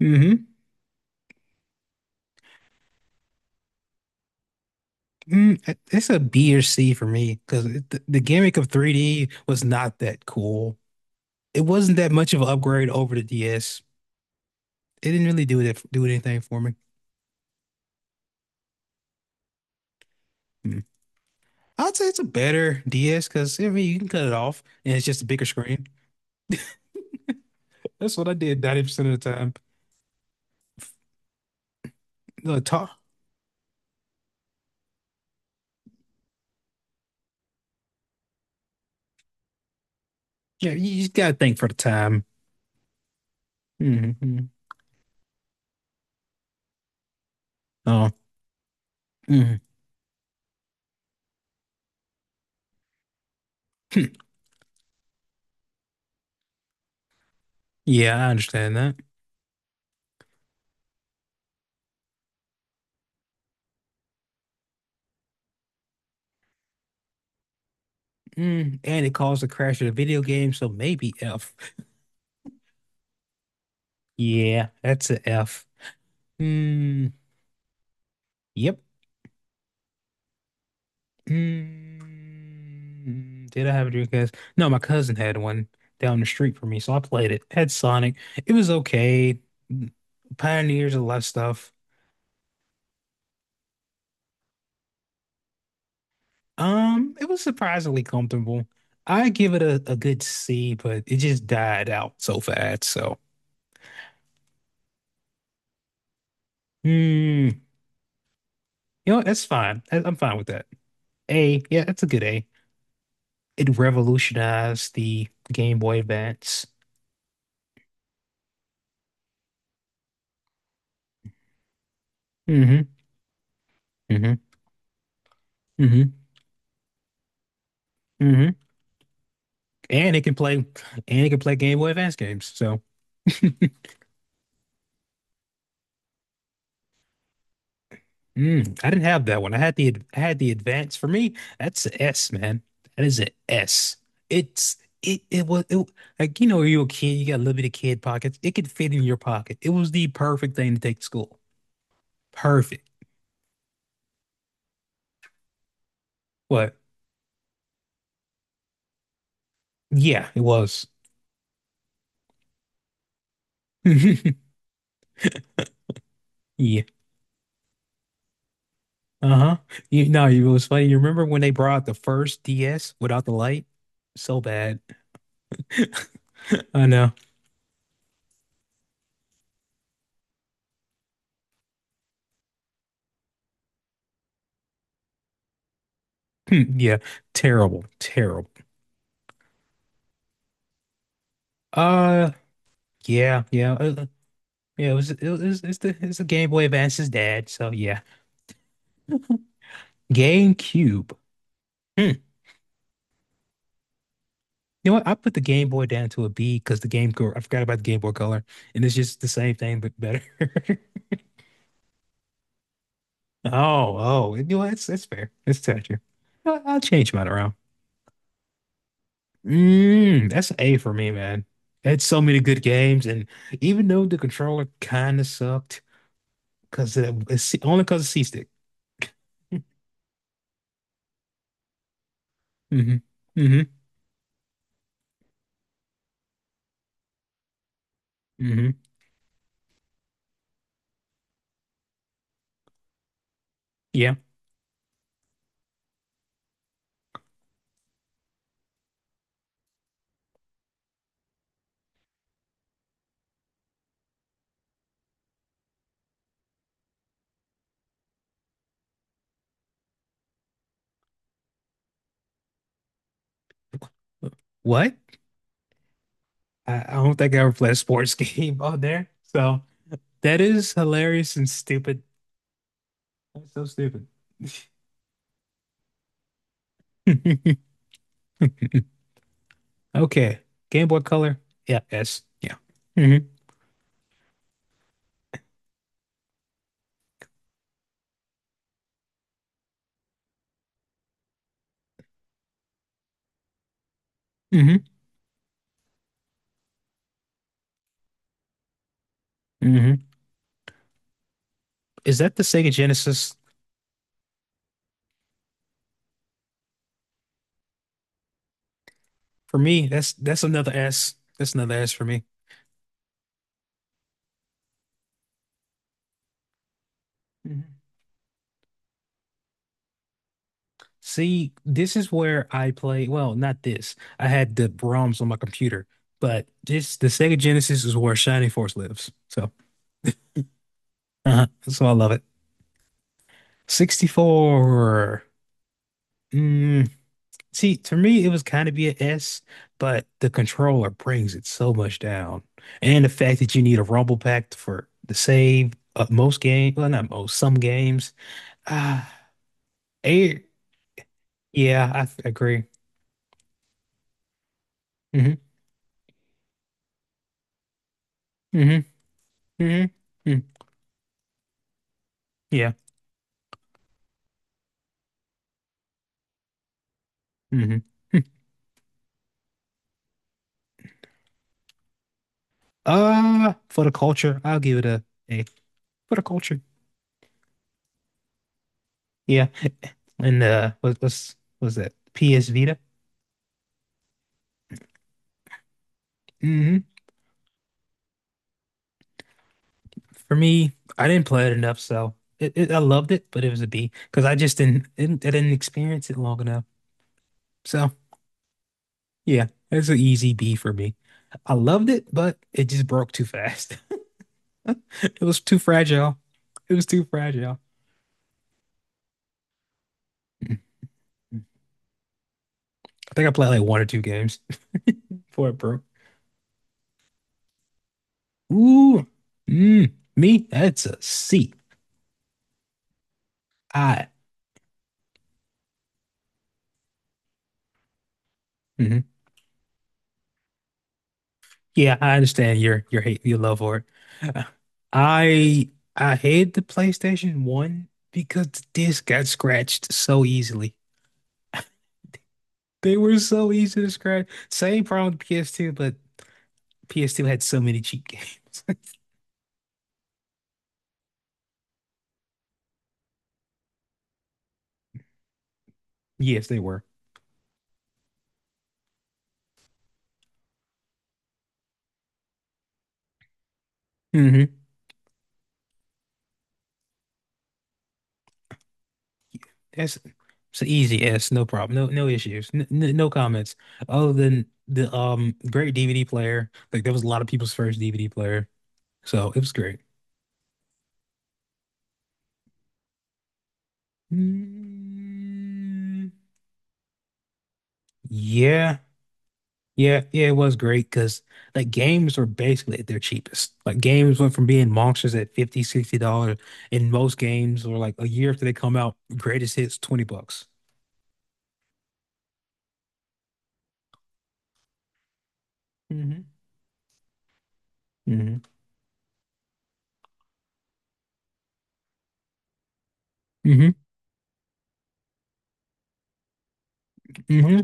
Hmm. It's a B or C for me because the gimmick of 3D was not that cool. It wasn't that much of an upgrade over the DS. It didn't really do anything for me. Mm. I'd say it's a better DS because I mean you can cut it off and it's just a bigger screen. That's what I did 90% of the time. The talk. Yeah, you just gotta think for the time. Hmm. Oh. Mm. Yeah, I understand that. Mm. And it caused the crash of the video game, so maybe F. Yeah, that's a F. Hmm. Yep. Did I have a Dreamcast? No, my cousin had one down the street from me, so I played it. Had Sonic. It was okay. Pioneers a lot of stuff. It was surprisingly comfortable. I give it a good C, but it just died out so fast. So, you know what? That's fine. I'm fine with that. A, yeah, that's a good A. It revolutionized the Game Boy Advance. Hmm. Hmm. Hmm. Hmm. And it can play Game Boy Advance games. So I didn't have that one. I had the Advance. For me, that's an S, man. That is an S. It's it it was it, Like you know when you're a kid, you got limited kid pockets. It could fit in your pocket. It was the perfect thing to take to school. Perfect. What? Yeah, it was. Yeah. Uh-huh. You know, it was funny. You remember when they brought the first DS without the light? So bad. I know. Hmm. Yeah. Terrible. Terrible. Uh, Yeah, yeah, yeah. It's the Game Boy Advance's dad. So yeah, GameCube. Hmm. You know what? I put the Game Boy down to a B because the Game Girl. I forgot about the Game Boy Color, and it's just the same thing but better. Oh, oh, you know what? That's It's fair. That's touching. I'll change mine around. That's an A for me, man. It's so many good games, and even though the controller kind of sucked, because it's only because of C-Stick. Hmm. Hmm. Hmm. Yeah. What? I don't think I ever played a sports game on there. So that is hilarious and stupid. That's so stupid. Okay. Game Boy Color. Yeah. Yes. Yeah. Hmm. Hmm. Hmm. Is that the Sega Genesis? For me, that's another S. That's another S for me. Mhm. See, this is where I play. Well, not this. I had the ROMs on my computer, but this the Sega Genesis is where Shining Force lives. So uh-huh. So I love it. 64. Mm, See, to me, it was kind of be an S, but the controller brings it so much down. And the fact that you need a rumble pack for the save of most games, well, not most, some games. Ah, eh, yeah, I agree. Hmm. Hmm. Hmm. Mm. Yeah. Hmm. For the culture, I'll give it a A. For the culture. Yeah. And what's that? PS Vita. Mm-hmm. For me, I didn't play it enough, so it I loved it, but it was a B because I just didn't I didn't experience it long enough. So yeah, it's an easy B for me. I loved it, but it just broke too fast. It was too fragile. It was too fragile. I think I played like one or two games before it broke. Ooh, me, that's a C. I. Mhm. Yeah, I understand your hate your love for it. Uh, I I hate the PlayStation 1 because the disc got scratched so easily. They were so easy to scratch. Same problem with PS2, but PS2 had so many cheap games. Yes, they were. Hmm. That's It's an easy yes, no problem. No issues. No comments. Other than the great DVD player. Like that was a lot of people's first DVD player. So it was great. Mm, yeah. Yeah, yeah, it was great because like games were basically at their cheapest. Like games went from being monsters at 50, $60, and most games were like a year after they come out, greatest hits, 20 bucks. Hmm. Hmm. Hmm. Hmm.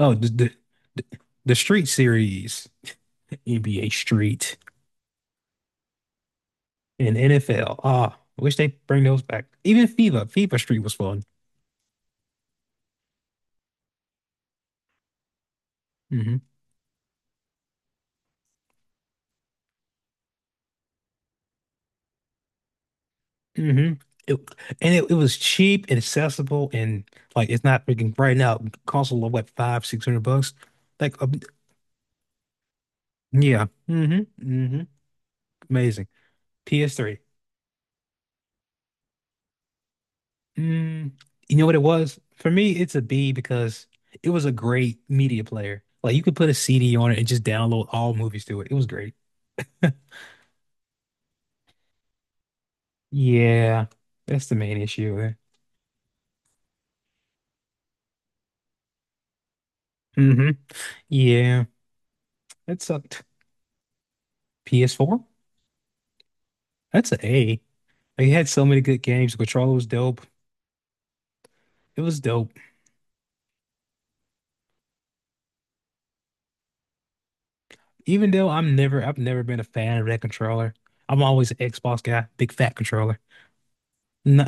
Oh, the the Street series, NBA Street and NFL. Ah, I wish they bring those back. Even FIFA Street was fun. Mm-hmm. Hmm. It, and it was cheap and accessible and like it's not freaking right now. It costs a little what five, 600 bucks. Like yeah. Hmm. Hmm. Amazing. PS3. Mm, you know what it was? For me, it's a B because it was a great media player. Like you could put a CD on it and just download all movies to it. It was great. Yeah, that's the main issue. Eh? Mm-hmm. Yeah, that sucked. PS4? That's an A. Like, it had so many good games. The controller was dope. It was dope. Even though I've never been a fan of that controller. I'm always an Xbox guy, big fat controller. No.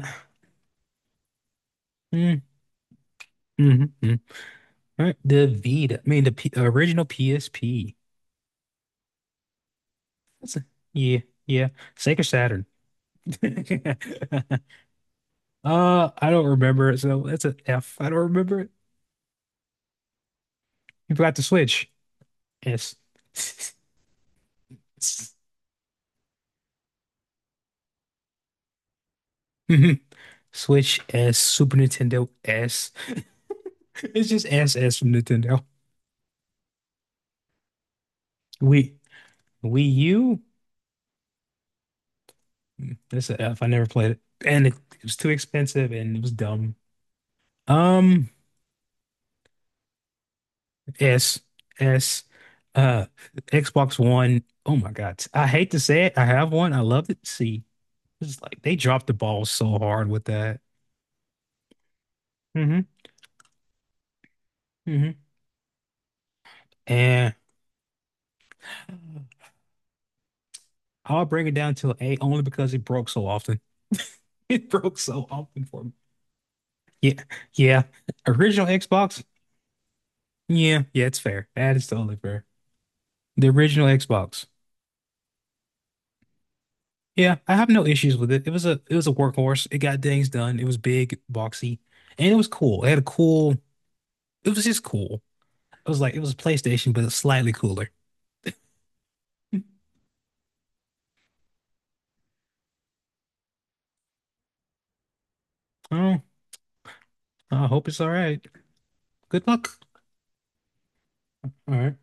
mm, mm, mm. Right. The Vita, I mean the P original PSP. That's a, yeah, yeah. Sega Saturn. I don't remember it, so that's an F. I don't remember it. You forgot the Switch. S. S- mhm. Switch S, Super Nintendo S. It's just S S from Nintendo. We Wii Wii U. It's a F. I never played it. And it was too expensive and it was dumb. Um, S, S, uh, Xbox One. Oh my God. I hate to say it. I have one. I love it. See, it's like they dropped the ball so hard with that. Hmm. Hmm. And I'll bring it down to an A only because it broke so often. It broke so often for me. Yeah. Yeah. Original Xbox. Yeah. Yeah. It's fair. That is totally fair. The original Xbox. Yeah, I have no issues with it. It was a workhorse. It got things done. It was big, boxy, and it was cool. It had a cool. It was just cool. It was like it was a PlayStation, but it's slightly cooler. Oh, I hope it's all right. Good luck. All right.